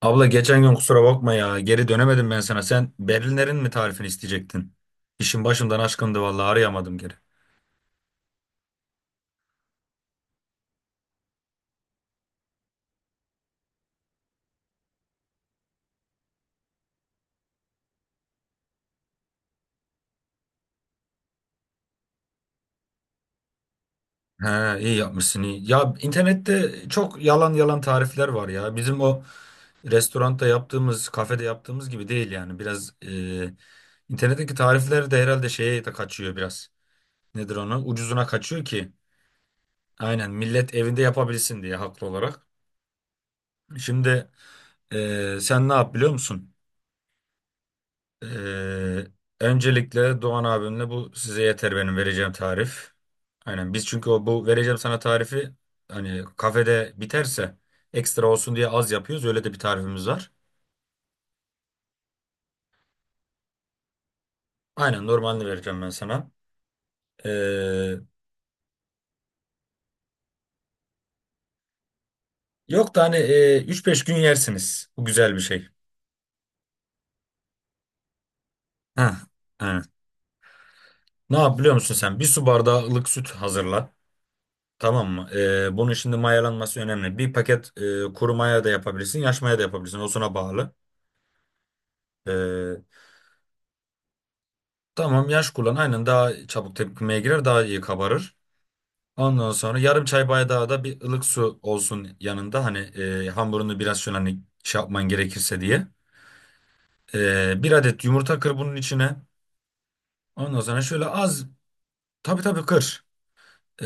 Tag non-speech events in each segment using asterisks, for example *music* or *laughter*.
Abla geçen gün kusura bakma ya. Geri dönemedim ben sana. Sen Berliner'in mi tarifini isteyecektin? İşin başımdan aşkındı vallahi arayamadım geri. He iyi yapmışsın iyi. Ya internette çok yalan yalan tarifler var ya. Bizim o restoranda yaptığımız, kafede yaptığımız gibi değil yani. Biraz internetteki tarifler de herhalde şeye de kaçıyor biraz. Nedir onu? Ucuzuna kaçıyor ki. Aynen millet evinde yapabilsin diye haklı olarak. Şimdi sen ne yap biliyor musun? Ee, Öncelikle Doğan abimle bu size yeter benim vereceğim tarif. Aynen biz çünkü o bu vereceğim sana tarifi hani kafede biterse ekstra olsun diye az yapıyoruz. Öyle de bir tarifimiz var. Aynen normalini vereceğim ben sana. Ee, Yok da hani 3-5 gün yersiniz. Bu güzel bir şey. Ha, aynen. Ne yap biliyor musun sen? Bir su bardağı ılık süt hazırla. Tamam mı? Bunun şimdi mayalanması önemli. Bir paket kuru maya da yapabilirsin, yaş maya da yapabilirsin. O sana bağlı. Ee, Tamam yaş kullan. Aynen daha çabuk tepkimeye girer, daha iyi kabarır. Ondan sonra yarım çay bardağı da bir ılık su olsun yanında. Hani hamurunu biraz şöyle hani şey yapman gerekirse diye. Bir adet yumurta kır bunun içine. Ondan sonra şöyle az, tabii kır. E,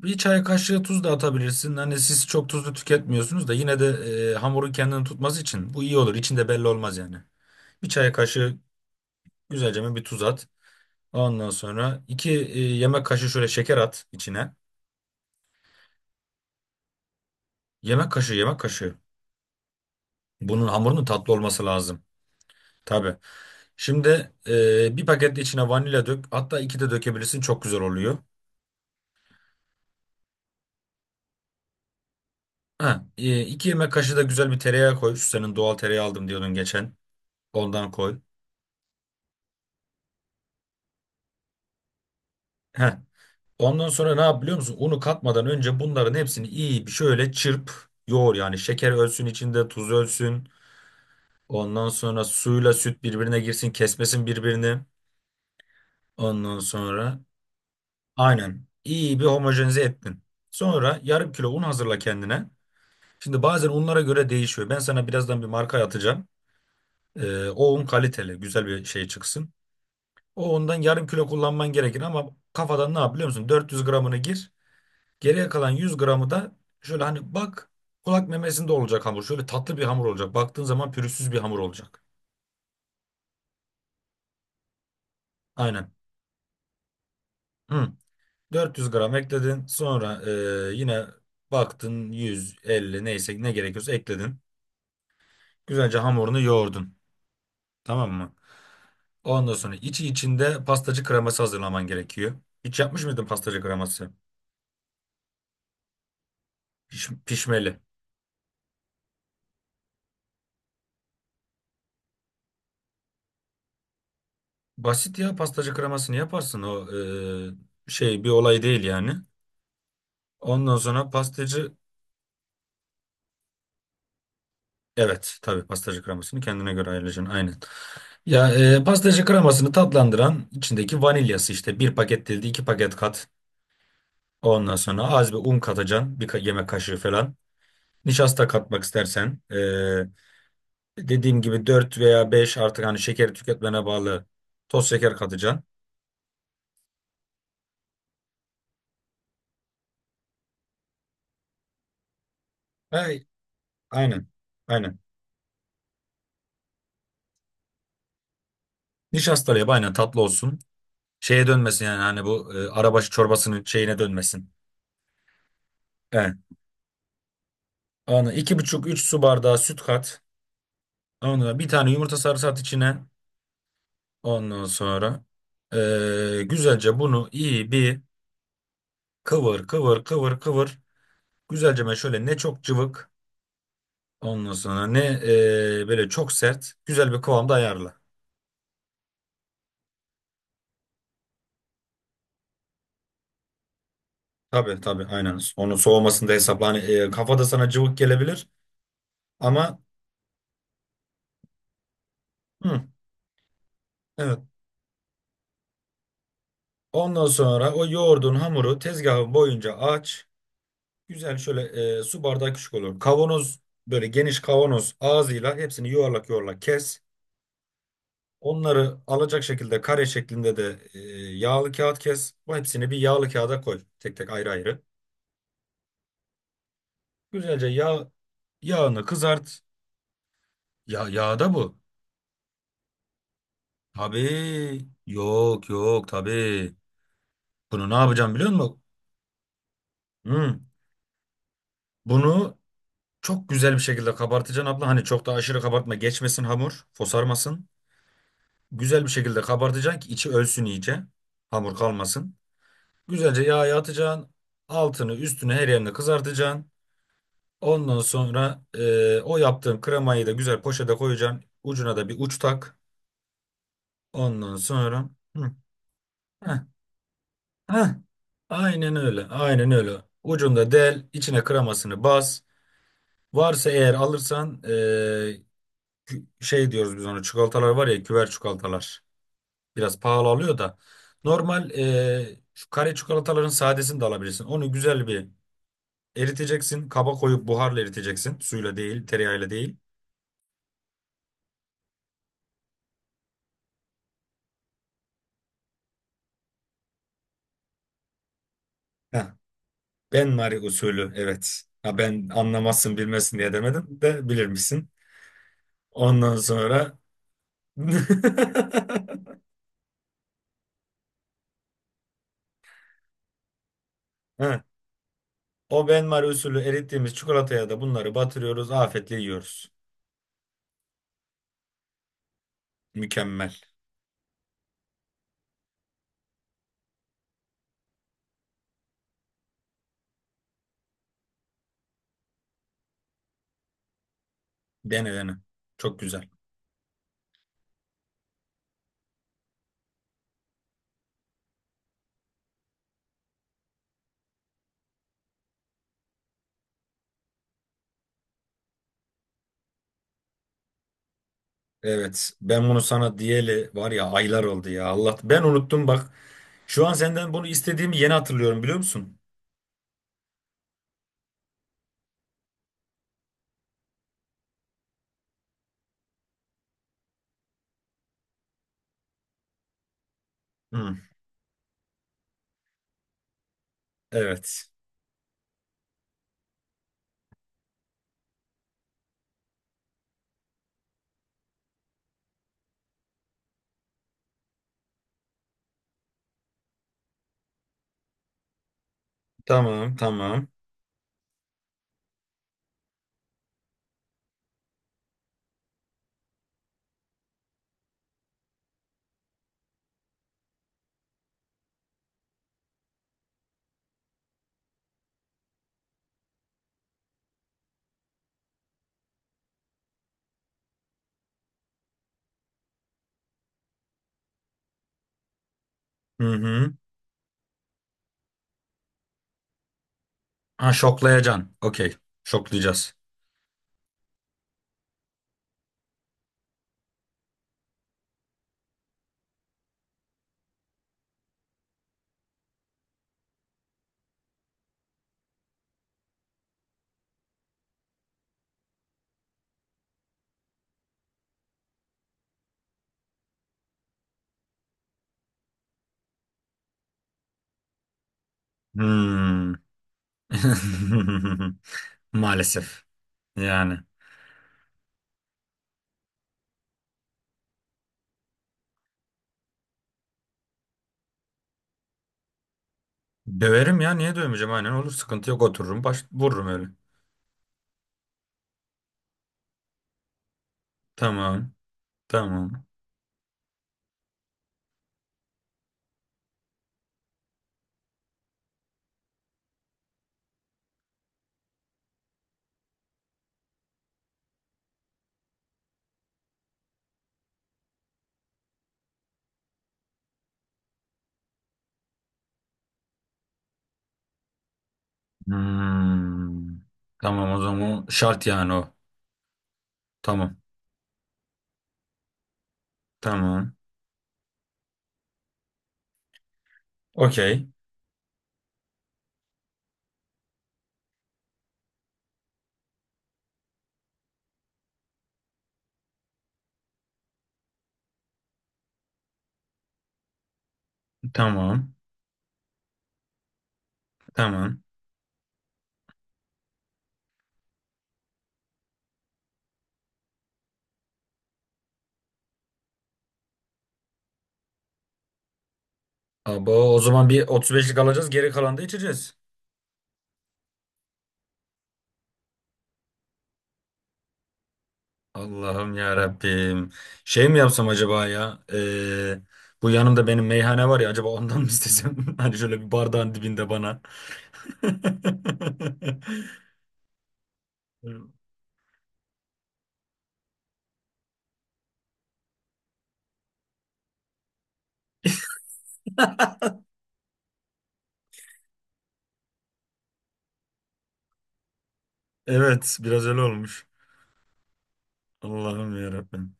Bir çay kaşığı tuz da atabilirsin. Hani siz çok tuzlu tüketmiyorsunuz da yine de hamurun kendini tutması için bu iyi olur. İçinde belli olmaz yani. Bir çay kaşığı güzelce bir tuz at. Ondan sonra iki yemek kaşığı şöyle şeker at içine. Yemek kaşığı, yemek kaşığı. Bunun hamurunun tatlı olması lazım. Tabii. Şimdi bir paket içine vanilya dök. Hatta iki de dökebilirsin. Çok güzel oluyor. Ha, iki yemek kaşığı da güzel bir tereyağı koy. Şu senin doğal tereyağı aldım diyordun geçen. Ondan koy. Heh. Ondan sonra ne yap biliyor musun? Unu katmadan önce bunların hepsini iyi bir şöyle çırp. Yoğur yani. Şeker ölsün içinde, tuz ölsün. Ondan sonra suyla süt birbirine girsin. Kesmesin birbirini. Ondan sonra aynen. İyi bir homojenize ettin. Sonra yarım kilo un hazırla kendine. Şimdi bazen unlara göre değişiyor. Ben sana birazdan bir marka atacağım. O un kaliteli, güzel bir şey çıksın. O undan yarım kilo kullanman gerekir ama kafadan ne yap biliyor musun? 400 gramını gir. Geriye kalan 100 gramı da şöyle hani bak, kulak memesinde olacak hamur. Şöyle tatlı bir hamur olacak. Baktığın zaman pürüzsüz bir hamur olacak. Aynen. Hı. 400 gram ekledin. Sonra yine baktın 150 neyse ne gerekiyorsa ekledin. Güzelce hamurunu yoğurdun. Tamam mı? Ondan sonra içi içinde pastacı kreması hazırlaman gerekiyor. Hiç yapmış mıydın pastacı kreması? Pişmeli. Basit ya, pastacı kremasını yaparsın. O şey bir olay değil yani. Ondan sonra pastacı, evet, tabii pastacı kremasını kendine göre ayıracaksın aynen. Ya pastacı kremasını tatlandıran içindeki vanilyası işte bir paket değil de iki paket kat. Ondan sonra az bir un katacaksın, bir yemek kaşığı falan. Nişasta katmak istersen, dediğim gibi 4 veya beş, artık hani şekeri tüketmene bağlı, toz şeker katacaksın. Hey, aynen. Aynen. Nişastalı yap aynen, tatlı olsun. Şeye dönmesin yani hani bu arabaşı çorbasının şeyine dönmesin. Evet. Onu iki buçuk üç su bardağı süt kat. Ondan bir tane yumurta sarısı at içine. Ondan sonra güzelce bunu iyi bir kıvır kıvır kıvır kıvır. Güzelce ben şöyle, ne çok cıvık ondan sonra ne böyle çok sert, güzel bir kıvamda ayarla. Tabii aynen. Onun soğumasında hesapla. Hani, kafada sana cıvık gelebilir ama, hı, evet. Ondan sonra o yoğurdun hamuru tezgahın boyunca aç. Güzel şöyle, su bardağı küçük olur. Kavanoz, böyle geniş kavanoz ağzıyla hepsini yuvarlak yuvarlak kes. Onları alacak şekilde kare şeklinde de yağlı kağıt kes. Bu hepsini bir yağlı kağıda koy. Tek tek ayrı ayrı. Güzelce yağ, yağını kızart. Ya yağda bu. Tabii. Yok yok tabii. Bunu ne yapacağım biliyor musun? Hmm. Bunu çok güzel bir şekilde kabartacaksın abla. Hani çok da aşırı kabartma. Geçmesin hamur. Fosarmasın. Güzel bir şekilde kabartacaksın ki içi ölsün iyice. Hamur kalmasın. Güzelce yağa atacaksın. Altını, üstünü, her yerini kızartacaksın. Ondan sonra o yaptığın kremayı da güzel poşete koyacaksın. Ucuna da bir uç tak. Ondan sonra hı, heh, heh, aynen öyle. Aynen öyle. Ucunda del. İçine kremasını bas. Varsa eğer alırsan şey diyoruz biz ona, çikolatalar var ya, küver çikolatalar. Biraz pahalı oluyor da. Normal şu kare çikolataların sadesini de alabilirsin. Onu güzel bir eriteceksin. Kaba koyup buharla eriteceksin. Suyla değil, tereyağıyla değil. Heh, ben Mari usulü, evet. Ha, ben anlamazsın bilmesin diye demedim de bilirmişsin. Ondan sonra *laughs* heh, o Ben Mari usulü erittiğimiz çikolataya da bunları batırıyoruz. Afiyetle yiyoruz. Mükemmel. Dene dene. Çok güzel. Evet, ben bunu sana diyeli var ya aylar oldu ya Allah. Ben unuttum bak. Şu an senden bunu istediğimi yeni hatırlıyorum biliyor musun? Hı. Evet. Tamam, tamam. Hı hı. Ha, şoklayacaksın. Okey. Şoklayacağız. Hmm. *laughs* Maalesef. Yani. Döverim ya, niye dövmeyeceğim, aynen olur, sıkıntı yok, otururum baş vururum öyle. Tamam. Tamam. Hmm. Tamam o zaman şart yani o. Tamam. Tamam. Okey. Tamam. Tamam. Abo, o zaman bir 35'lik alacağız. Geri kalanı da içeceğiz. Allah'ım ya Rabbim. Şey mi yapsam acaba ya? Bu yanımda benim meyhane var ya, acaba ondan mı istesem? *laughs* Hani şöyle bir bardağın dibinde bana. *laughs* Evet, biraz öyle olmuş. Allah'ım ya Rabbim.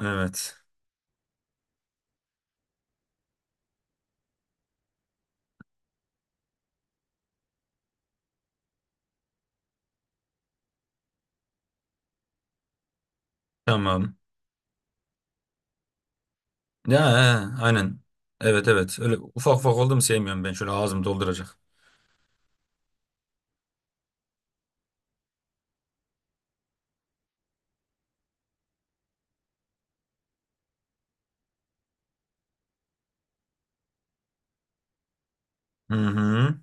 Evet. Tamam. Ya, he, aynen. Evet evet. Öyle ufak ufak oldu mu sevmiyorum ben. Şöyle ağzım dolduracak. Hı hı.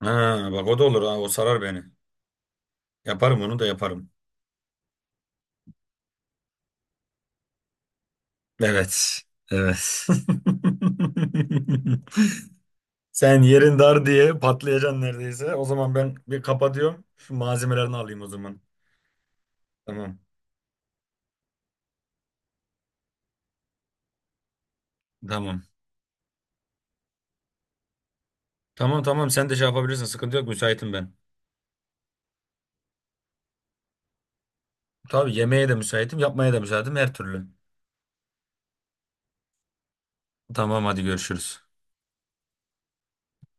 Ha, bak o da olur ha. O sarar beni. Yaparım, onu da yaparım. Evet. Evet. *laughs* Sen yerin dar diye patlayacaksın neredeyse. O zaman ben bir kapatıyorum. Şu malzemelerini alayım o zaman. Tamam. Tamam. Tamam tamam sen de şey yapabilirsin. Sıkıntı yok. Müsaitim ben. Tabii yemeğe de müsaitim, yapmaya da müsaitim her türlü. Tamam hadi görüşürüz.